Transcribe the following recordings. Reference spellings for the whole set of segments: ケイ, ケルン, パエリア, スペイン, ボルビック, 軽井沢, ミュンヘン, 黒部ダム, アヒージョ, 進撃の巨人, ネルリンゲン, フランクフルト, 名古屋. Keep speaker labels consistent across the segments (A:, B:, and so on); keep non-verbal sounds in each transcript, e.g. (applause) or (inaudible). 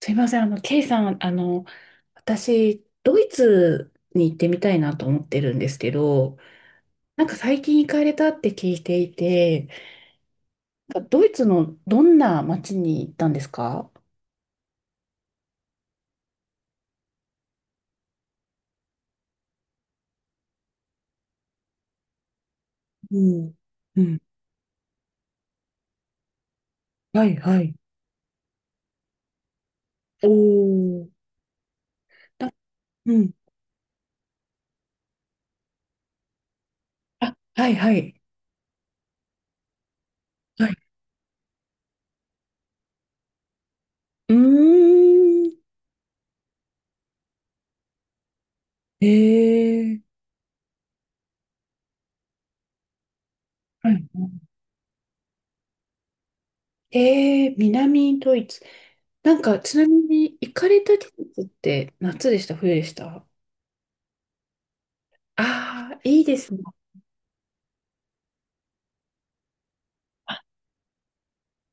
A: すいません、ケイさん、私、ドイツに行ってみたいなと思ってるんですけど、なんか最近行かれたって聞いていて、なんかドイツのどんな街に行ったんですか？うん。うん。はい、はい。おー。なうん。あ、はい、はい。はい。うーん。えー。はい。えー、南ドイツ。なんか、ちなみに、行かれた季節って夏でした、冬でした？ああ、いいですね。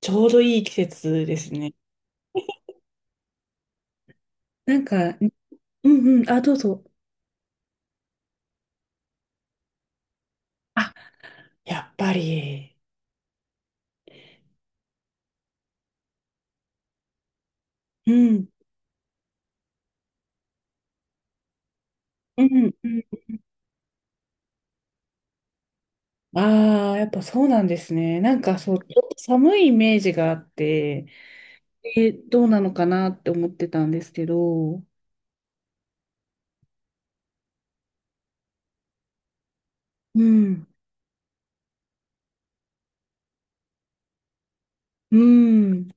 A: ちょうどいい季節ですね。なんか、うんうん、あ、どうぞ。あ、やっぱり。うん、うん、うん。ああ、やっぱそうなんですね。なんかそう、ちょっと寒いイメージがあって、どうなのかなって思ってたんですけど、うん、うん。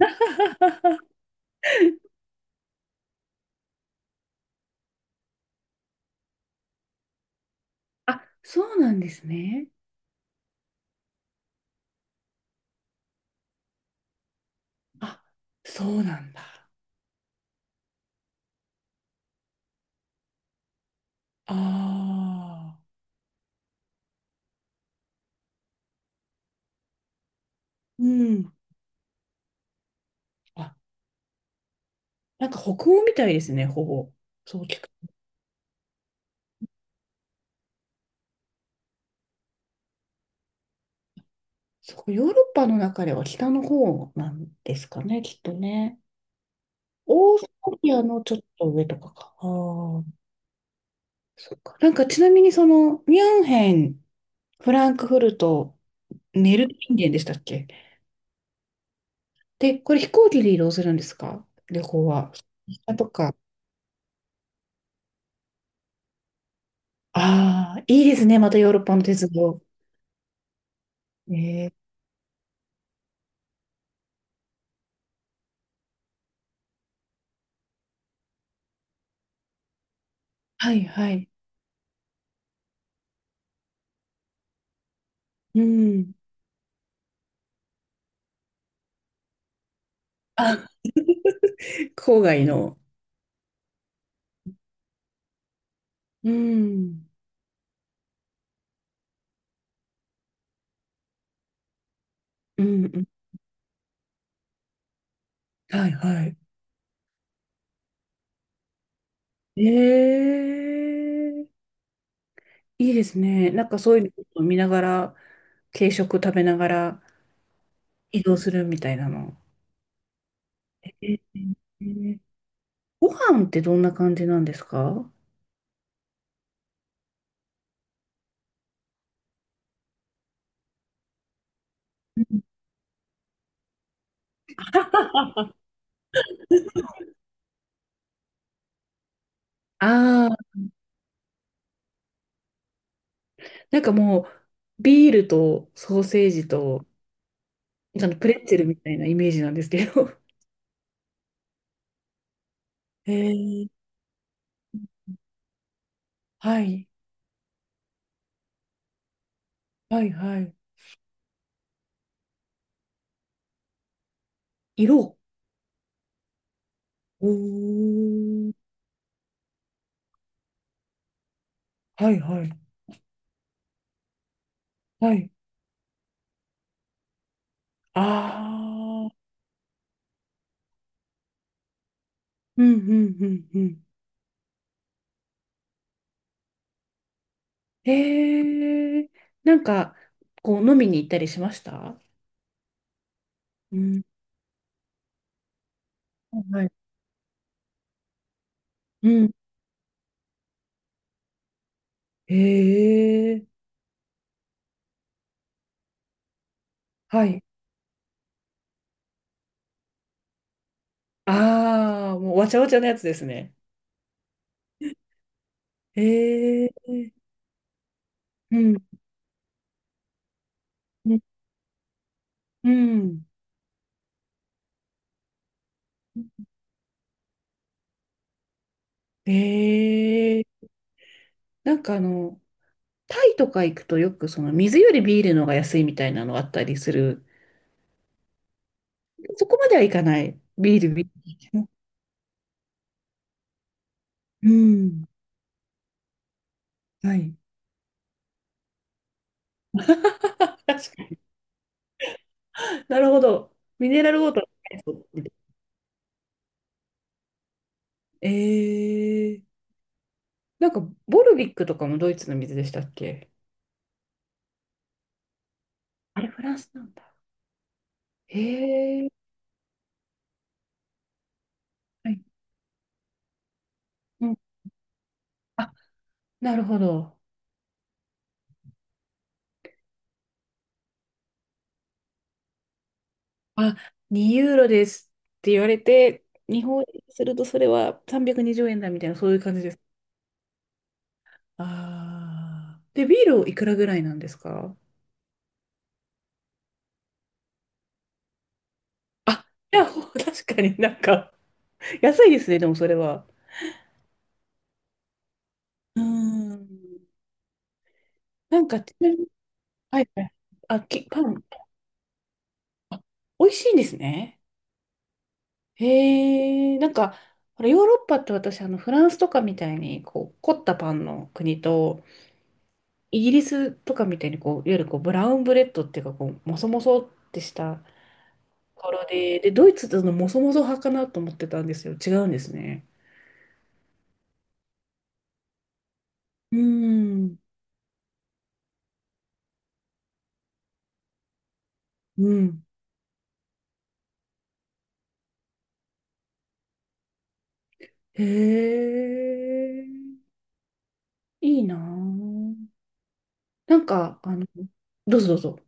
A: (laughs) あ、そうなんですね。あ、そうなんだ。ああうん。あ。なんか北欧みたいですね、ほぼ。そう聞くそう、ヨーロッパの中では北の方なんですかね、きっとね。オーストリアのちょっと上とかか。ああ、そっか。なんかちなみにその、ミュンヘン、フランクフルト、ネルリンゲンでしたっけ？で、これ飛行機で移動するんですか、旅行は。とか。ああ、いいですね、またヨーロッパの鉄道。えーはいはい。うん。あ、郊外の。うん。うんうん。はいはい。ええいいですね。なんかそういうのを見ながら、軽食食べながら移動するみたいなの。えええご飯ってどんな感じなんですか？ (laughs) ああー、なんかもう、ビールとソーセージと、あのプレッツェルみたいなイメージなんですけど。(laughs) ええ。はい、はい、はい。色。おー、はい、はい、はい。ああ、うん、うん、うん、うん。ええなんか、こう、飲みに行ったりしました？うん。はい。うん。ええはい。ああ、もうわちゃわちゃのやつですね。ええうん。うん。うんええなんかあの、タイとか行くとよくその水よりビールの方が安いみたいなのあったりする。そこまではいかない。ビール、ビール。うん。はい。(laughs) 確かに。なるほど。ミネラルウォーター。ええなんか、ボルビックとかもドイツの水でしたっけ？あれ、フランスなんだ。へえ。はい。うん。あ、なるほど。あ、2ユーロですって言われて、日本円にするとそれは320円だみたいな、そういう感じです。ああ。で、ビールいくらぐらいなんですか？あ、いや、(laughs) 確かになんか、安いですね、でもそれは。うーん。なんか、ちなみに、はいはい。あ、パン、あ、美味しいんですね。へえ、なんか、ほらヨーロッパって私、あの、フランスとかみたいに、こう、凝ったパンの国と、イギリスとかみたいに、こう、いわゆるこう、ブラウンブレッドっていうか、こう、もそもそってしたところで、で、ドイツってそのもそもそ派かなと思ってたんですよ。違うんですね。うーん、うん。へえ、いいなぁ。なんか、あの、どうぞどうぞ。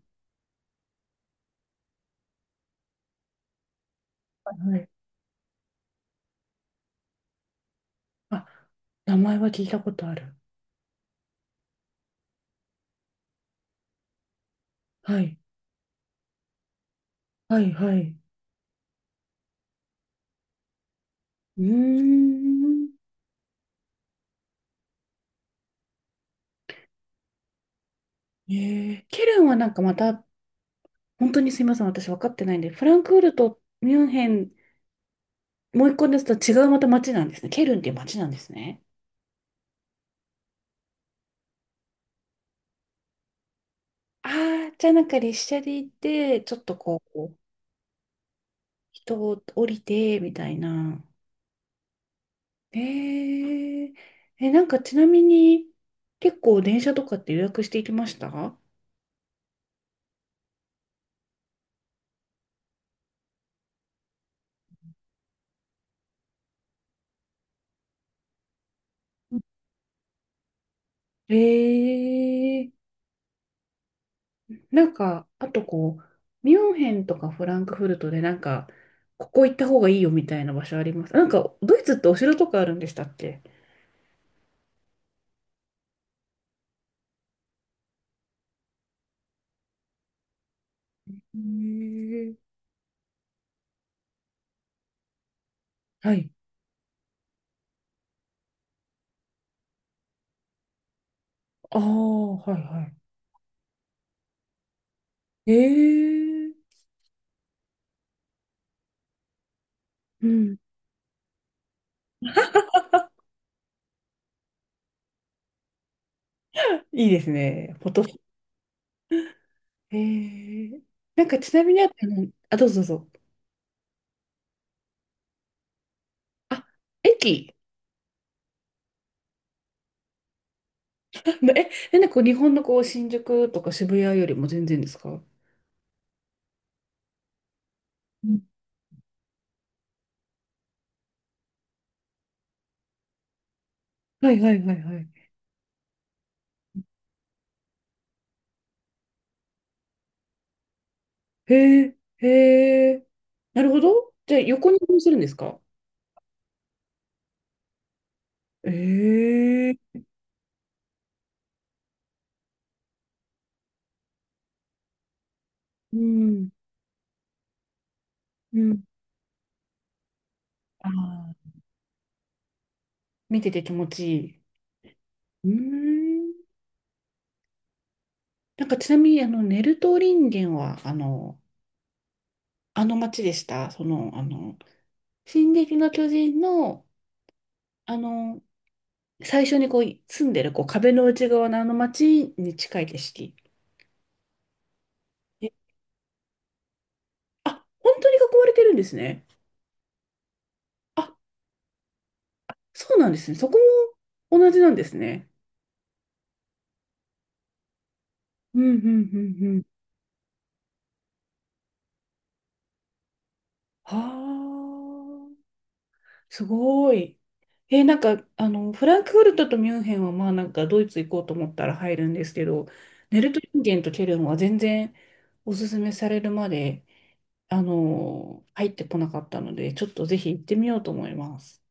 A: はい。あ、名前は聞いたことある。はい。はい、はい。うーん。えー、ケルンはなんかまた、本当にすみません、私分かってないんで、フランクフルト、ミュンヘン、もう一個ですと違うまた町なんですね。ケルンっていう町なんですね。ああ、じゃあなんか列車で行って、ちょっとこう、人を降りて、みたいな。えー、なんかちなみに、結構電車とかって予約していきました？えー、なんか、あとこう、ミュンヘンとかフランクフルトでなんか、ここ行った方がいいよみたいな場所あります？なんか、ドイツってお城とかあるんでしたっけ？へーはい。ああ、はいはい。ええ。うん。いいですね。フォト。ええ。なんか、ちなみにあの、あ、どうぞどうぞ。あ、駅(laughs) え、え、なんかこう日本のこう、新宿とか渋谷よりも全然ですか？うんはいはいはいはい。へえ、へえ。なるほど。じゃあ、横に移動するんですか？ええ、うん、うん。ああ、見てて気持ちいい。うーん。なんか、ちなみに、あの、ネルトリンゲンは、あの、あの街でした。その、あの、進撃の巨人の、あの、最初にこう、住んでる、こう、壁の内側のあの街に近い景色。え、あ、本当に囲われてるんですね。あ、そうなんですね。そこも同じなんですね。うん、うん、うん、はあ、すごい。え、なんか、あの、フランクフルトとミュンヘンは、まあ、なんか、ドイツ行こうと思ったら入るんですけど、ネルトインゲンとケルンは全然おすすめされるまで、あの、入ってこなかったので、ちょっとぜひ行ってみようと思います。